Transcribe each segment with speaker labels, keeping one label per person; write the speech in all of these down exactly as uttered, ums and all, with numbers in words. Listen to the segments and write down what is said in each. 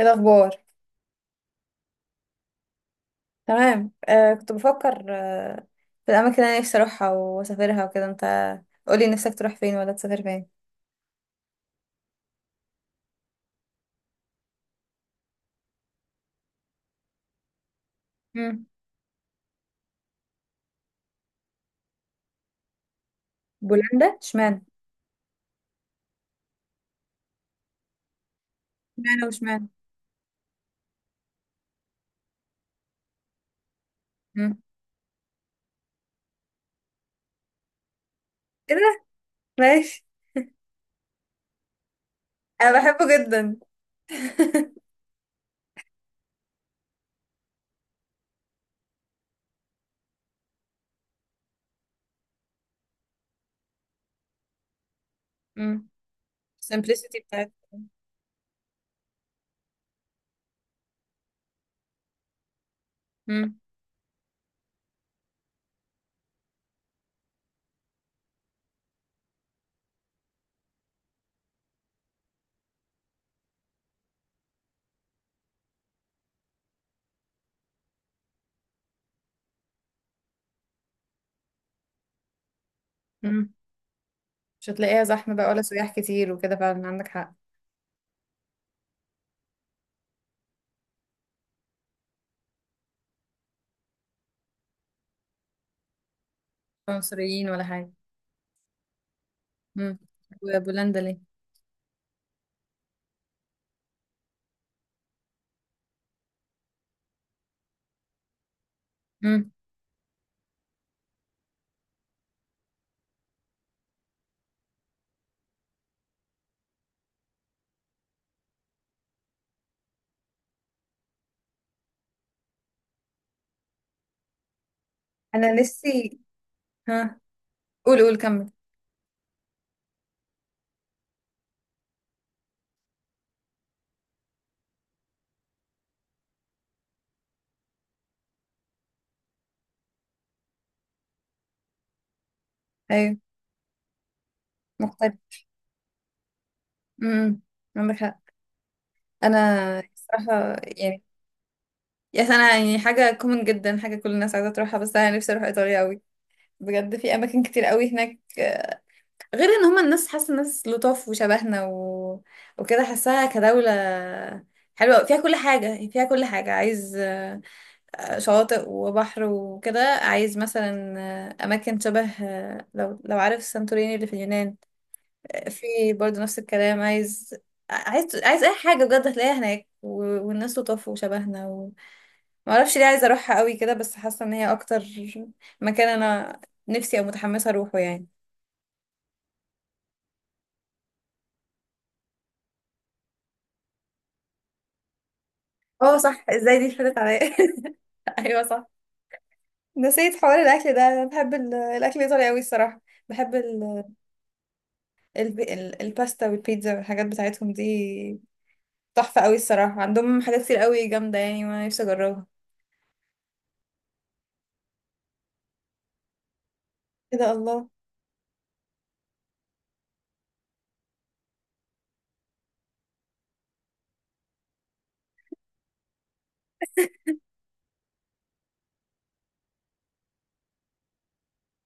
Speaker 1: ايه الاخبار؟ تمام. آه كنت بفكر آه في الاماكن اللي انا نفسي اروحها واسافرها وكده. انت قولي نفسك تروح فين ولا تسافر فين؟ مم. بولندا؟ اشمعنى؟ اشمعنى واشمعنى؟ مم. ايه ده؟ ماشي. انا بحبه جدا. امم. السمبlicity بتاعتها. امم، امم. مش هتلاقيها زحمه بقى، ولا سياح كتير وكده، فعلا عندك حق. ولا مصريين ولا حاجه. امم. وبولندا ليه؟ امم. انا نفسي. ها؟ قول قول، كمل. ايوه، مختلف. امم. عندك حق. انا صراحه يعني. يا انا، يعني حاجه كومن جدا، حاجه كل الناس عايزه تروحها، بس انا نفسي اروح ايطاليا قوي. بجد في اماكن كتير قوي هناك، آه، غير ان هما الناس، حاسه الناس لطاف وشبهنا و... وكده حاساها كدوله حلوه أوي. فيها كل حاجه، يعني فيها كل حاجه عايز آه، آه، شواطئ وبحر وكده، عايز مثلا آه، اماكن شبه، آه، لو لو عارف سانتوريني اللي في اليونان، آه، في برضه نفس الكلام، عايز عايز عايز اي حاجه بجد هتلاقيها هناك و- والناس لطاف وشبهنا. ما اعرفش ليه عايزه اروحها قوي كده، بس حاسه ان هي اكتر مكان انا نفسي او متحمسه اروحه يعني. اه صح، ازاي دي فاتت عليا؟ ايوه صح، نسيت حوار الاكل ده. انا بحب ال- الاكل الايطالي قوي الصراحه. بحب ال... ال... ال... الباستا والبيتزا والحاجات بتاعتهم دي تحفه قوي الصراحه. عندهم حاجات كتير قوي جامده يعني، وانا نفسي اجربها. ايه ده؟ الله!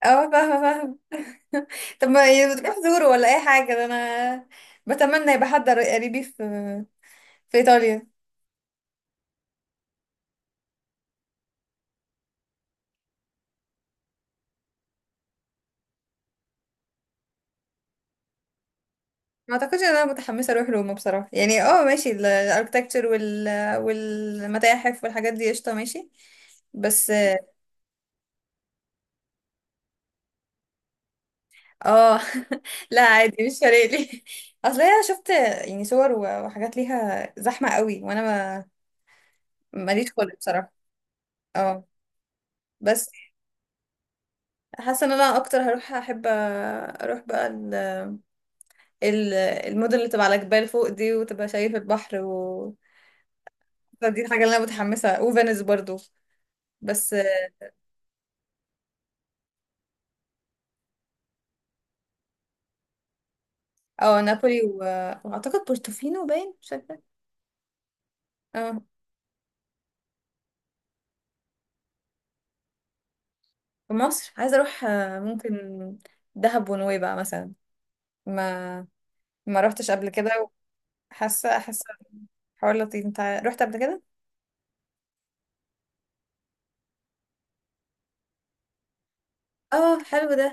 Speaker 1: اه، فاهمه فاهمه. طب ما ي- بتروح تزوره ولا اي حاجه؟ ده انا بتمنى يبقى حد قريبي في في ايطاليا. ما اعتقدش ان انا متحمسه اروح روما بصراحه يعني. اه ماشي، الاركتكتشر وال والمتاحف والحاجات دي قشطه. ماشي، بس. اه، لا عادي، مش فارق لي. اصل انا شفت يعني صور و- وحاجات ليها زحمه قوي، وانا ما ماليش خلق بصراحه. اه، بس حاسه ان انا اكتر هروح احب اروح بقى ال... ال- المدن اللي تبقى على جبال فوق دي وتبقى شايف البحر و... فدي الحاجه اللي انا متحمسه، وفينيس برضو، بس. اه، نابولي و... واعتقد بورتوفينو باين، مش فاكره. اه. في مصر عايزه اروح، آه، ممكن دهب ونويبع مثلا. ما ما روحتش قبل كده. وحاسه حاسه حوار لطيف. انت رحت قبل كده؟ اه، حلو ده.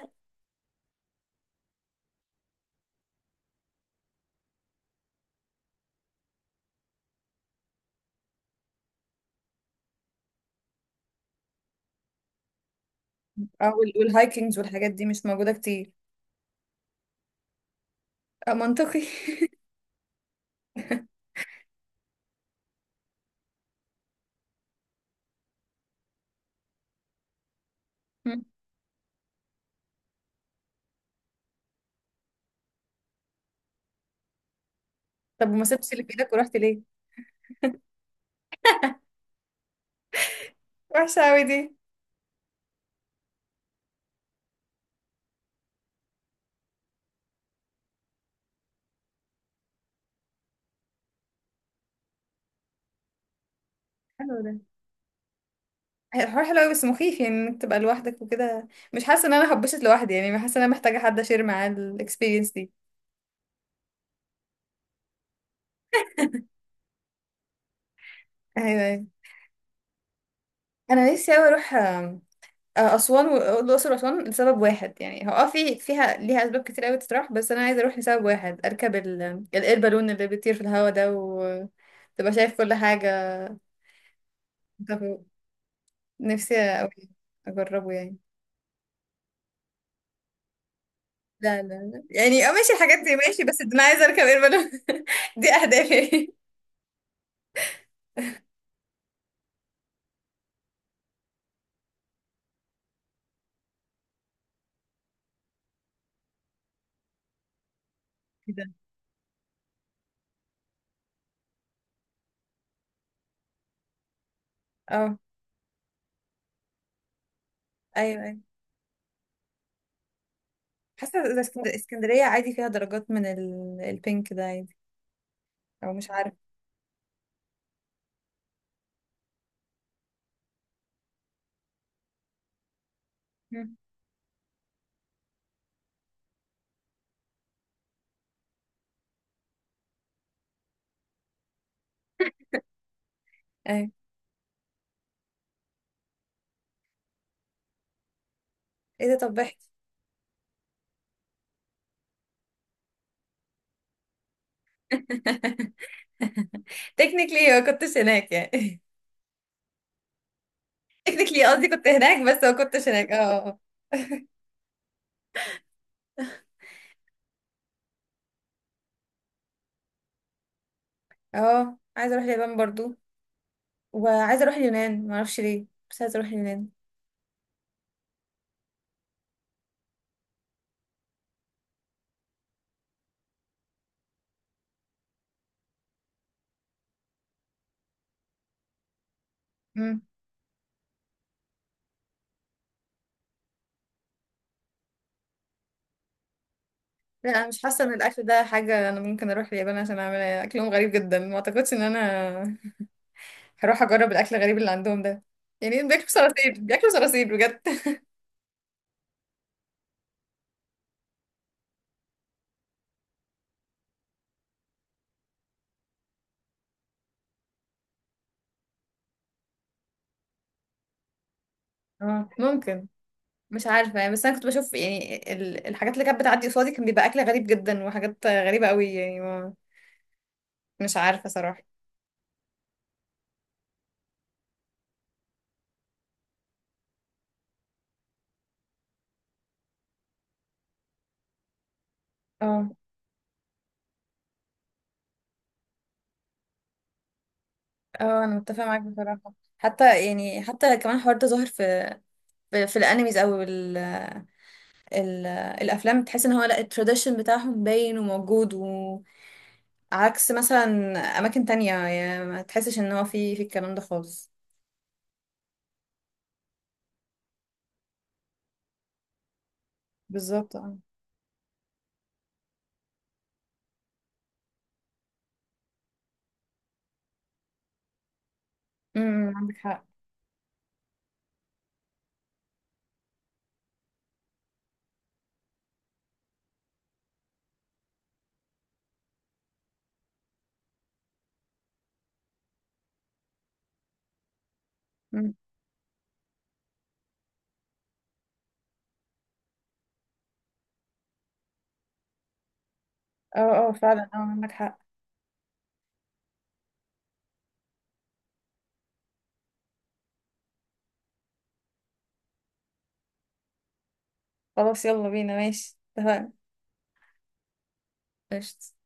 Speaker 1: اه، وال... والهايكنجز والحاجات دي مش موجوده كتير. آه، منطقي. مم. طب وما سبتش اللي في ايدك ورحت ليه؟ وحشه قوي دي. حلو ده. هي الحوار حلو قوي بس مخيف، يعني انك تبقى لوحدك وكده. مش حاسه ان انا هبشت لوحدي، يعني حاسه ان انا محتاجه حد اشير معاه الاكسبيرينس دي. ايوه. انا نفسي اوي اروح آم، آه، اسوان والاقصر واسوان لسبب واحد يعني. هو اه، في فيها ليها اسباب كتير اوي تطرح، بس انا عايزه اروح لسبب واحد، اركب ال- الاير بالون اللي بيطير في الهوا ده وتبقى شايف كل حاجه. طب، نفسي اوي اجربه يعني. لا، لا، لا. يعني اه، ماشي الحاجات دي ماشي، بس انا عايزه اركب اير بالون. دي اهدافي. كده اه. ايوه، ايوه. حاسه إذا اسكند- اسكندريه عادي فيها درجات من ال- البينك ده عادي. او مش عارف. مم. ايوه. ايه ده؟ طب احكي. تكنيكلي ما كنتش هناك يعني. تكنيكلي قصدي كنت هناك بس ما كنتش هناك. اه، اه. اه. آه. عايزه اروح اليابان برضو. وعايزه اروح اليونان، ما اعرفش ليه، بس عايزه اروح اليونان. امم. لا، انا مش حاسه ان الاكل ده حاجه انا ممكن اروح اليابان عشان اعملها. اكلهم غريب جدا، ما اعتقدش ان انا هروح اجرب الاكل الغريب اللي عندهم ده. يعني بياكلوا صراصير، بياكلوا صراصير بجد. اه، ممكن. مش عارفه يعني، بس انا كنت بشوف يعني ال- الحاجات اللي كانت بتعدي قصادي كان بيبقى اكل غريب جدا وحاجات غريبه قوي يعني ما مش عارفه صراحه. اه، اه. انا متفقه معاك بصراحه، حتى يعني حتى كمان الحوار ده ظاهر في في, في الانميز او ال ال الافلام. تحس ان هو لا، التراديشن بتاعهم باين وموجود. وعكس مثلا اماكن تانية، يعني ما تحسش ان هو في في الكلام ده خالص. بالظبط، اه. امم عندك حق. أمم. اه، اه فعلا، اه عندك حق. خلاص، يلا بينا، ماشي، اتفقنا. قشطة.